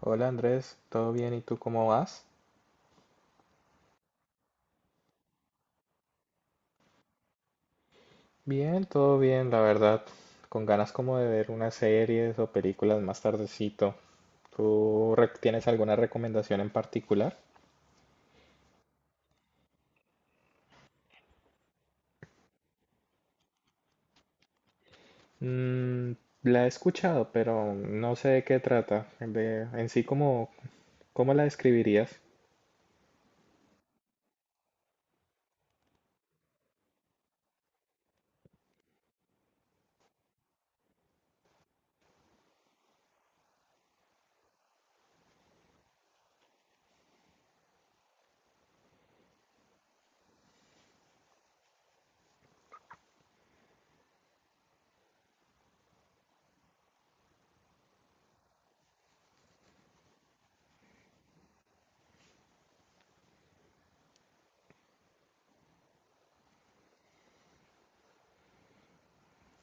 Hola Andrés, ¿todo bien? ¿Y tú cómo vas? Bien, todo bien, la verdad. Con ganas como de ver unas series o películas más tardecito. ¿ Tienes alguna recomendación en particular? Mm, la he escuchado, pero no sé de qué trata. ¿Cómo, cómo la describirías?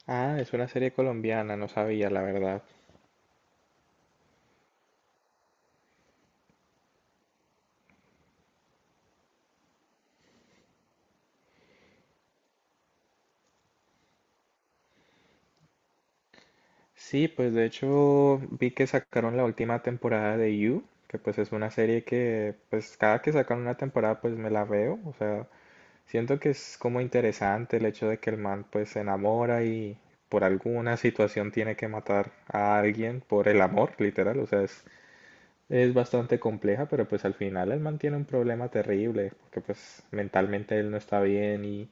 Ah, es una serie colombiana, no sabía, la verdad. Sí, pues de hecho vi que sacaron la última temporada de You, que pues es una serie que pues cada que sacan una temporada pues me la veo. O sea, siento que es como interesante el hecho de que el man pues se enamora y por alguna situación tiene que matar a alguien por el amor, literal. Es bastante compleja, pero pues al final el man tiene un problema terrible, porque pues mentalmente él no está bien, y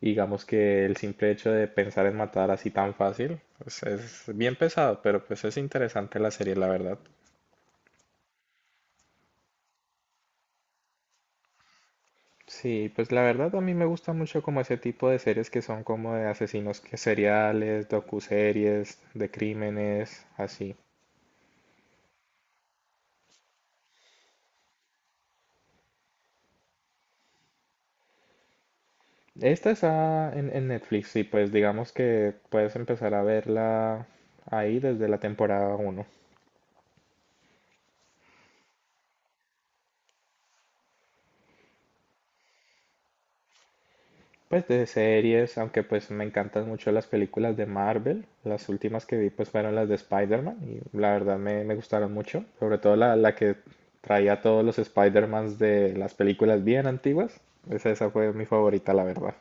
digamos que el simple hecho de pensar en matar así tan fácil pues es bien pesado, pero pues es interesante la serie, la verdad. Sí, pues la verdad a mí me gusta mucho como ese tipo de series que son como de asesinos seriales, docuseries, de crímenes, así. Esta está en Netflix y pues digamos que puedes empezar a verla ahí desde la temporada uno. Pues de series, aunque pues me encantan mucho las películas de Marvel. Las últimas que vi pues fueron las de Spider-Man y la verdad me gustaron mucho. Sobre todo la que traía todos los Spider-Mans de las películas bien antiguas. Esa fue mi favorita, la verdad.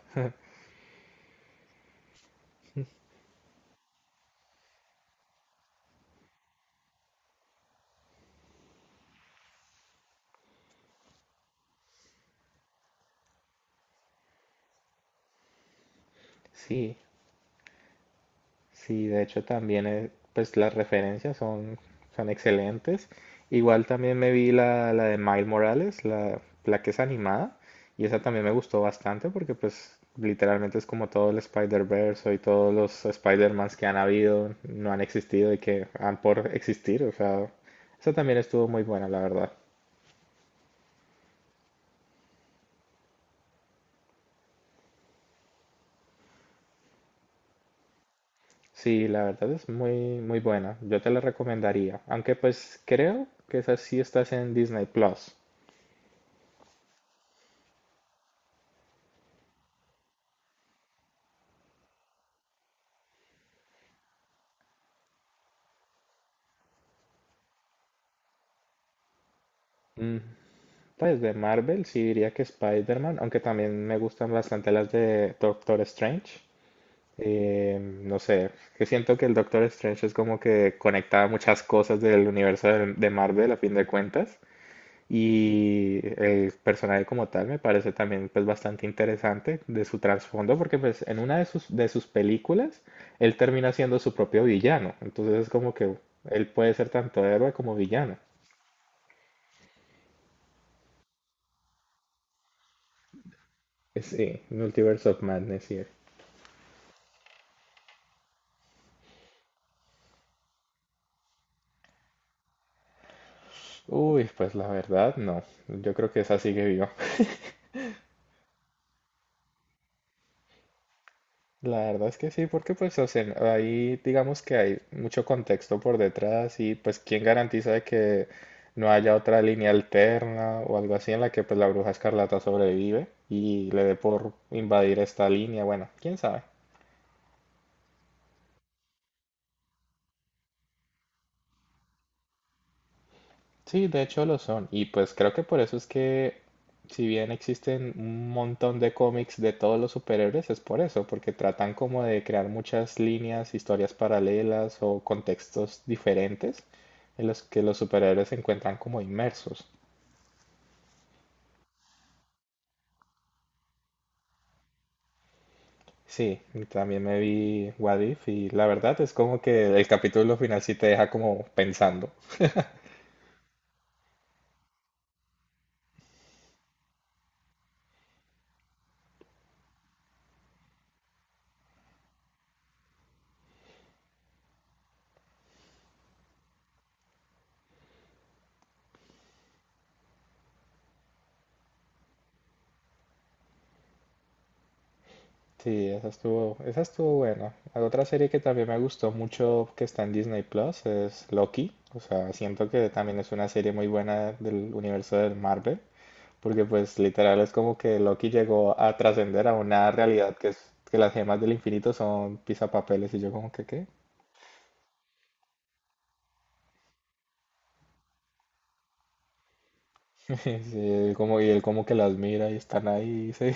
Sí. Sí, de hecho también pues las referencias son excelentes. Igual también me vi la de Miles Morales, la que es animada, y esa también me gustó bastante porque pues literalmente es como todo el Spider-Verse y todos los Spider-Mans que han habido, no han existido y que han por existir. O sea, esa también estuvo muy buena, la verdad. Sí, la verdad es muy muy buena, yo te la recomendaría, aunque pues creo que esa sí estás en Disney Plus. Pues de Marvel sí diría que Spider-Man, aunque también me gustan bastante las de Doctor Strange. No sé, que siento que el Doctor Strange es como que conecta muchas cosas del universo de Marvel a fin de cuentas. Y el personaje como tal me parece también pues bastante interesante de su trasfondo, porque pues en una de de sus películas él termina siendo su propio villano. Entonces es como que él puede ser tanto héroe como villano. Sí, Multiverse of Madness, sí. Uy, pues la verdad no. Yo creo que esa sigue viva. La verdad es que sí, porque pues o sea, ahí digamos que hay mucho contexto por detrás y pues quién garantiza de que no haya otra línea alterna o algo así en la que pues la bruja escarlata sobrevive y le dé por invadir esta línea. Bueno, quién sabe. Sí, de hecho lo son. Y pues creo que por eso es que, si bien existen un montón de cómics de todos los superhéroes, es por eso, porque tratan como de crear muchas líneas, historias paralelas o contextos diferentes en los que los superhéroes se encuentran como inmersos. Sí, y también me vi What If y la verdad es como que el capítulo final sí te deja como pensando. Sí, esa estuvo buena. La otra serie que también me gustó mucho que está en Disney Plus es Loki. O sea, siento que también es una serie muy buena del universo del Marvel, porque pues literal es como que Loki llegó a trascender a una realidad que es que las gemas del infinito son pisapapeles y yo como que qué. Sí, él como, y él como que las mira y están ahí, sí.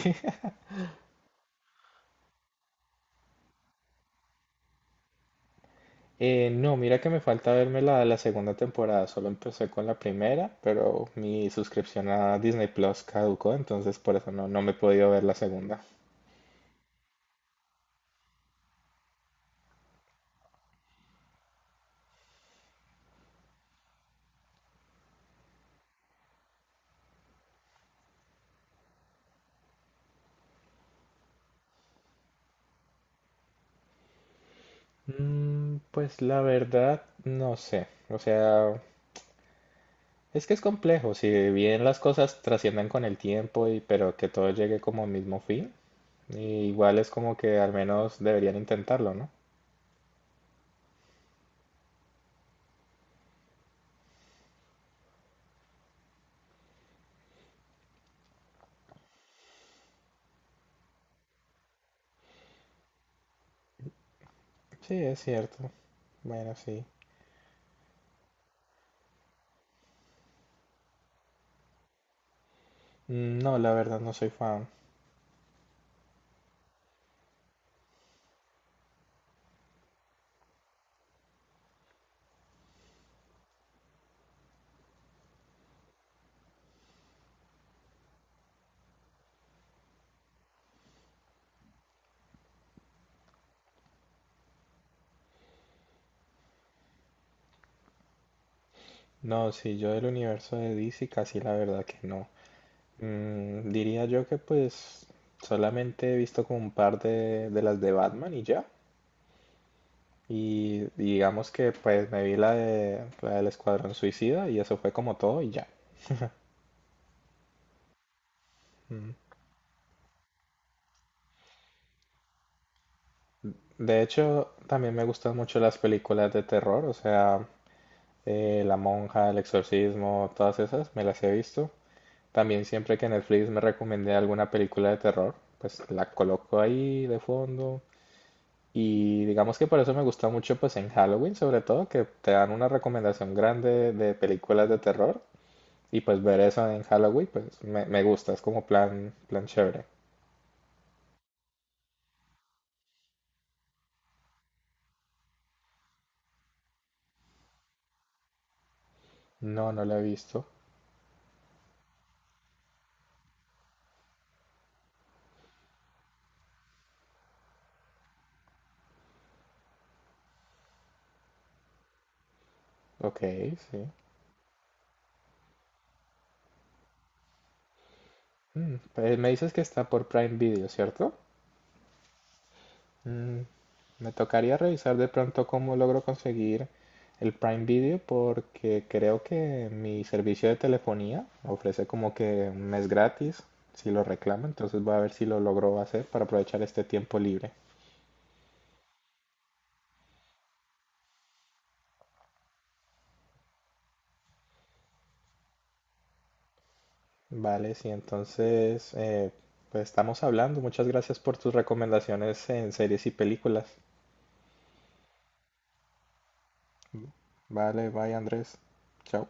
No, mira que me falta verme la segunda temporada, solo empecé con la primera, pero mi suscripción a Disney Plus caducó, entonces por eso no me he podido ver la segunda. Mm, pues la verdad, no sé. O sea, es que es complejo, si bien las cosas trascienden con el tiempo, y pero que todo llegue como al mismo fin, y igual es como que al menos deberían intentarlo, ¿no? Sí, es cierto, bueno, sí. Mm, no, la verdad no soy fan. No, sí, yo del universo de DC casi la verdad que no. Mm, diría yo que pues solamente he visto como un par de las de Batman y ya. Y digamos que pues me vi la de la del Escuadrón Suicida y eso fue como todo y ya. De hecho, también me gustan mucho las películas de terror. O sea, la Monja, el Exorcismo, todas esas, me las he visto. También siempre que Netflix me recomendé alguna película de terror, pues la coloco ahí de fondo. Y digamos que por eso me gusta mucho pues en Halloween, sobre todo, que te dan una recomendación grande de películas de terror. Y pues ver eso en Halloween pues me gusta, es como plan, plan chévere. No, no la he visto. Ok, sí. Mm, pues me dices que está por Prime Video, ¿cierto? Mm, me tocaría revisar de pronto cómo logro conseguir el Prime Video, porque creo que mi servicio de telefonía ofrece como que un mes gratis si lo reclamo, entonces voy a ver si lo logro hacer para aprovechar este tiempo libre. Vale, sí, entonces pues estamos hablando. Muchas gracias por tus recomendaciones en series y películas. Vale, bye Andrés. Chao.